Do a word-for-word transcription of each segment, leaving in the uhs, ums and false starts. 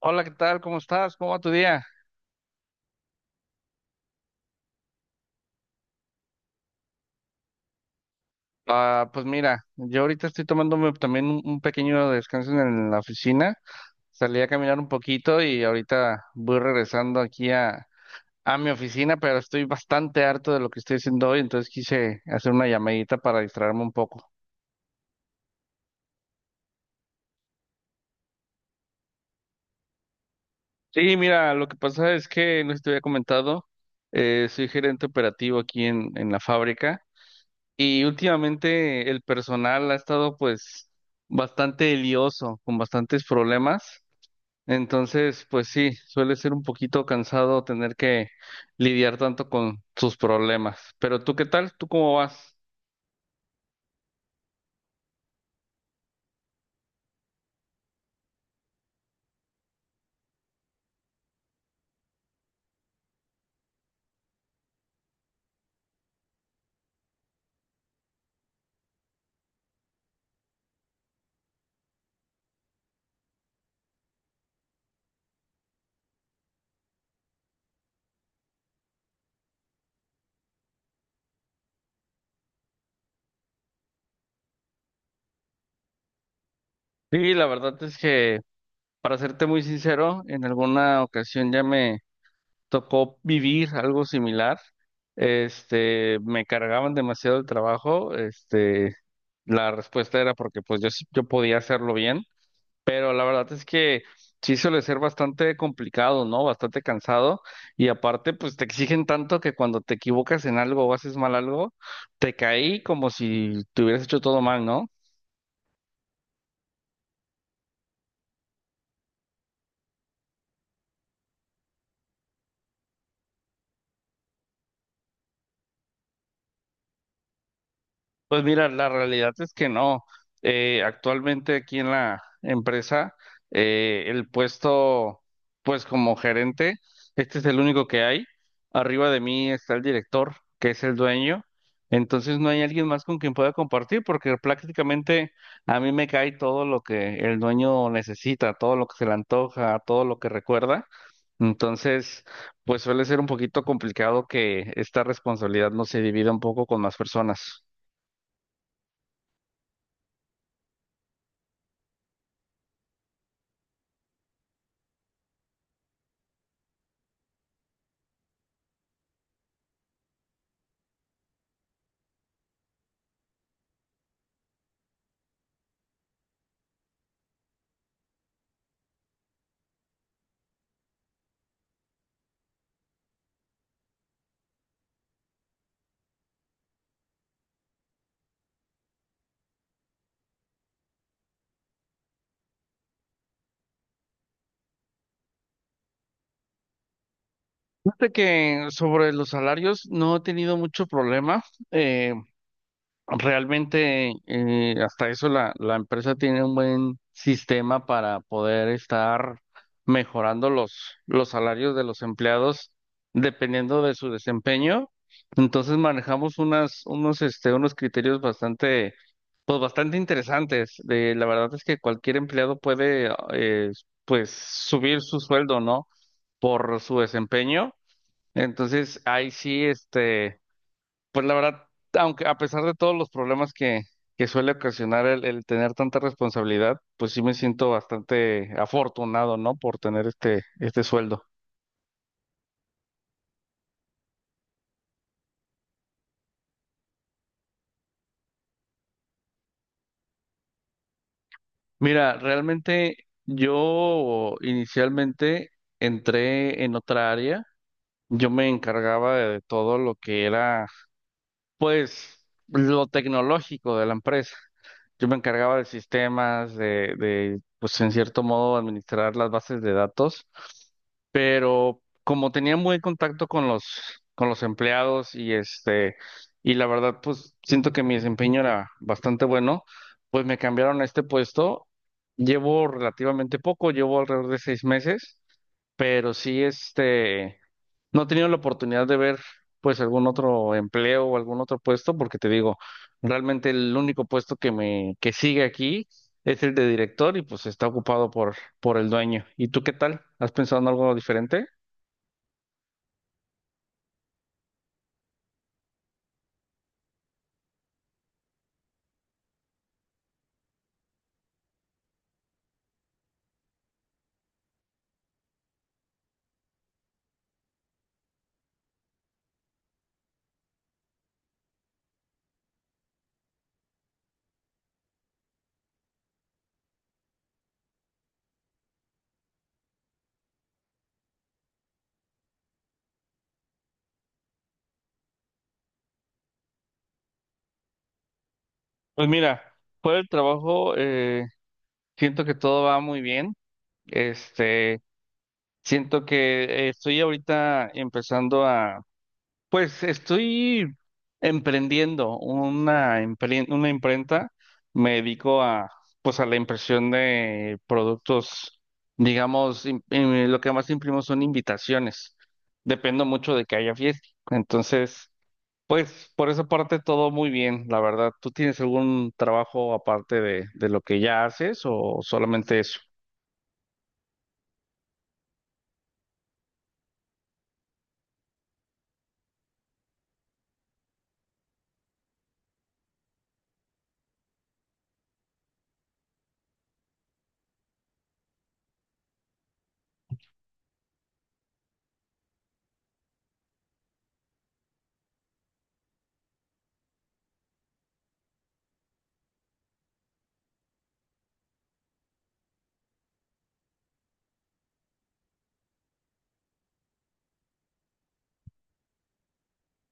Hola, ¿qué tal? ¿Cómo estás? ¿Cómo va tu día? Ah, pues mira, yo ahorita estoy tomándome también un un pequeño descanso en la oficina. Salí a caminar un poquito y ahorita voy regresando aquí a, a mi oficina, pero estoy bastante harto de lo que estoy haciendo hoy, entonces quise hacer una llamadita para distraerme un poco. Sí, mira, lo que pasa es que, no sé si te había comentado, eh, soy gerente operativo aquí en, en la fábrica y últimamente el personal ha estado pues bastante lioso, con bastantes problemas. Entonces, pues sí, suele ser un poquito cansado tener que lidiar tanto con sus problemas. Pero tú, ¿qué tal? ¿Tú cómo vas? Sí, la verdad es que, para serte muy sincero, en alguna ocasión ya me tocó vivir algo similar. Este, me cargaban demasiado el trabajo. Este, la respuesta era porque pues yo, sí- yo podía hacerlo bien. Pero la verdad es que sí suele ser bastante complicado, ¿no? Bastante cansado. Y aparte, pues te exigen tanto que cuando te equivocas en algo o haces mal algo, te caí como si te hubieras hecho todo mal, ¿no? Pues mira, la realidad es que no. Eh, actualmente aquí en la empresa, eh, el puesto, pues como gerente, este es el único que hay. Arriba de mí está el director, que es el dueño. Entonces no hay alguien más con quien pueda compartir, porque prácticamente a mí me cae todo lo que el dueño necesita, todo lo que se le antoja, todo lo que recuerda. Entonces, pues suele ser un poquito complicado que esta responsabilidad no se divida un poco con más personas. Fíjate que sobre los salarios no he tenido mucho problema. Eh, realmente eh, hasta eso la, la empresa tiene un buen sistema para poder estar mejorando los, los salarios de los empleados dependiendo de su desempeño. Entonces manejamos unas, unos, este, unos criterios bastante, pues bastante interesantes. De, la verdad es que cualquier empleado puede eh, pues subir su sueldo, ¿no? Por su desempeño. Entonces, ahí sí, este, pues la verdad, aunque a pesar de todos los problemas que, que suele ocasionar el, el tener tanta responsabilidad, pues sí me siento bastante afortunado, ¿no? Por tener este, este sueldo. Mira, realmente yo inicialmente entré en otra área. Yo me encargaba de todo lo que era, pues, lo tecnológico de la empresa. Yo me encargaba de sistemas, de, de, pues, en cierto modo, administrar las bases de datos. Pero como tenía muy contacto con los, con los empleados y este, y la verdad, pues siento que mi desempeño era bastante bueno, pues me cambiaron a este puesto. Llevo relativamente poco, llevo alrededor de seis meses, pero sí, este, no he tenido la oportunidad de ver pues algún otro empleo o algún otro puesto, porque te digo, realmente el único puesto que me, que sigue aquí es el de director y pues está ocupado por, por el dueño. ¿Y tú qué tal? ¿Has pensado en algo diferente? Pues mira, por el trabajo, eh, siento que todo va muy bien. Este, siento que eh, estoy ahorita empezando. Pues estoy emprendiendo una, impren- una imprenta. Me dedico a, pues a la impresión de productos, digamos, im- eh, lo que más imprimo son invitaciones. Dependo mucho de que haya fiesta. Entonces, pues por esa parte todo muy bien, la verdad. ¿Tú tienes algún trabajo aparte de, de lo que ya haces o solamente eso?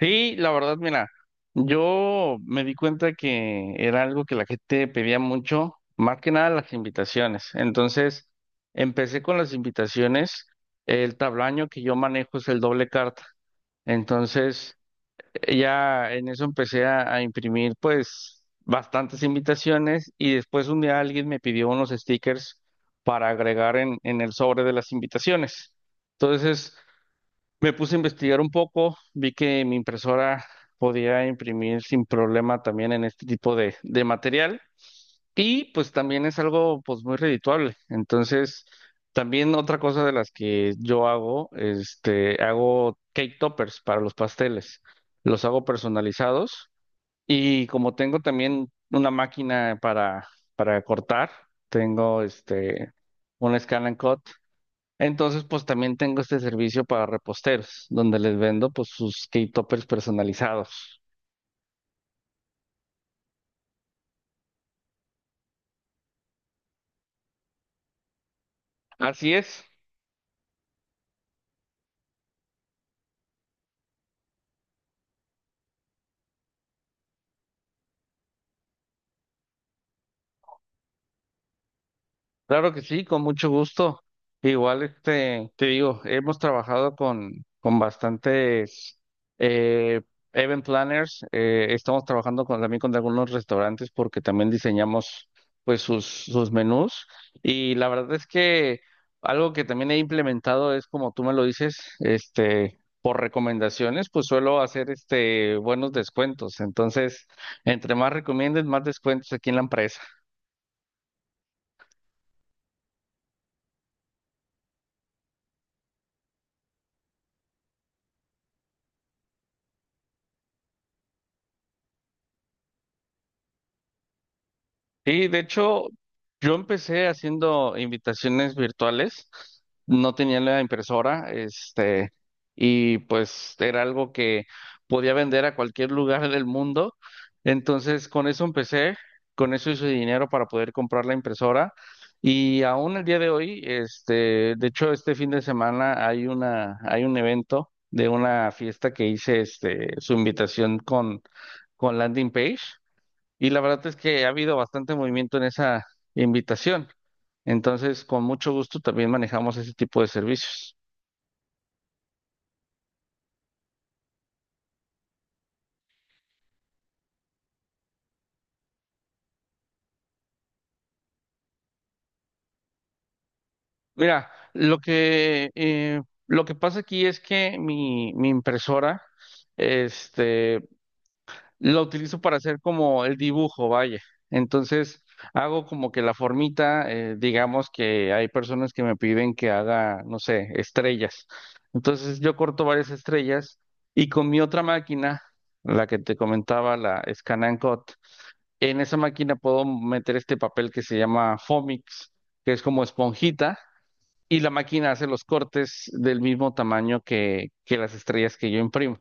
Sí, la verdad, mira, yo me di cuenta que era algo que la gente pedía mucho, más que nada las invitaciones. Entonces, empecé con las invitaciones. El tablaño que yo manejo es el doble carta. Entonces, ya en eso empecé a, a imprimir, pues, bastantes invitaciones y después un día alguien me pidió unos stickers para agregar en, en el sobre de las invitaciones. Entonces, me puse a investigar un poco, vi que mi impresora podía imprimir sin problema también en este tipo de, de material y pues también es algo pues muy redituable. Entonces, también otra cosa de las que yo hago, este, hago cake toppers para los pasteles. Los hago personalizados y como tengo también una máquina para, para cortar, tengo este, un scan and cut. Entonces, pues también tengo este servicio para reposteros, donde les vendo pues sus cake toppers personalizados. Así es. Claro que sí, con mucho gusto. Igual, este, te digo, hemos trabajado con, con bastantes eh, event planners. Eh, estamos trabajando con, también con algunos restaurantes porque también diseñamos pues sus, sus menús. Y la verdad es que algo que también he implementado es, como tú me lo dices, este, por recomendaciones, pues suelo hacer este, buenos descuentos. Entonces, entre más recomienden, más descuentos aquí en la empresa. Sí, de hecho, yo empecé haciendo invitaciones virtuales, no tenía la impresora, este, y pues era algo que podía vender a cualquier lugar del mundo. Entonces, con eso empecé, con eso hice dinero para poder comprar la impresora. Y aún el día de hoy, este, de hecho, este fin de semana hay una, hay un evento de una fiesta que hice, este, su invitación con, con landing page. Y la verdad es que ha habido bastante movimiento en esa invitación. Entonces, con mucho gusto también manejamos ese tipo de servicios. Mira, lo que, eh, lo que pasa aquí es que mi, mi impresora, este, lo utilizo para hacer como el dibujo, vaya. Entonces, hago como que la formita, eh, digamos que hay personas que me piden que haga, no sé, estrellas. Entonces, yo corto varias estrellas y con mi otra máquina, la que te comentaba, la Scan and Cut, en esa máquina puedo meter este papel que se llama Fomix, que es como esponjita, y la máquina hace los cortes del mismo tamaño que, que las estrellas que yo imprimo.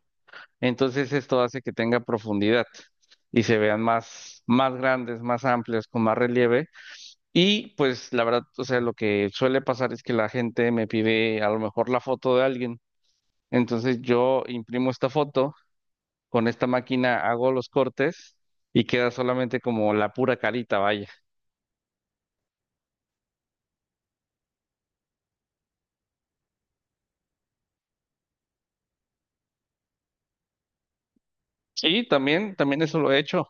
Entonces esto hace que tenga profundidad y se vean más, más grandes, más amplias, con más relieve. Y pues la verdad, o sea, lo que suele pasar es que la gente me pide a lo mejor la foto de alguien. Entonces yo imprimo esta foto, con esta máquina hago los cortes y queda solamente como la pura carita, vaya. Sí, también, también eso lo he hecho.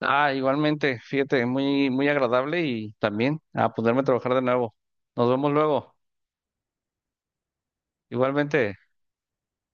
Ah, igualmente, fíjate, muy, muy agradable y también a ponerme a trabajar de nuevo. Nos vemos luego. Igualmente.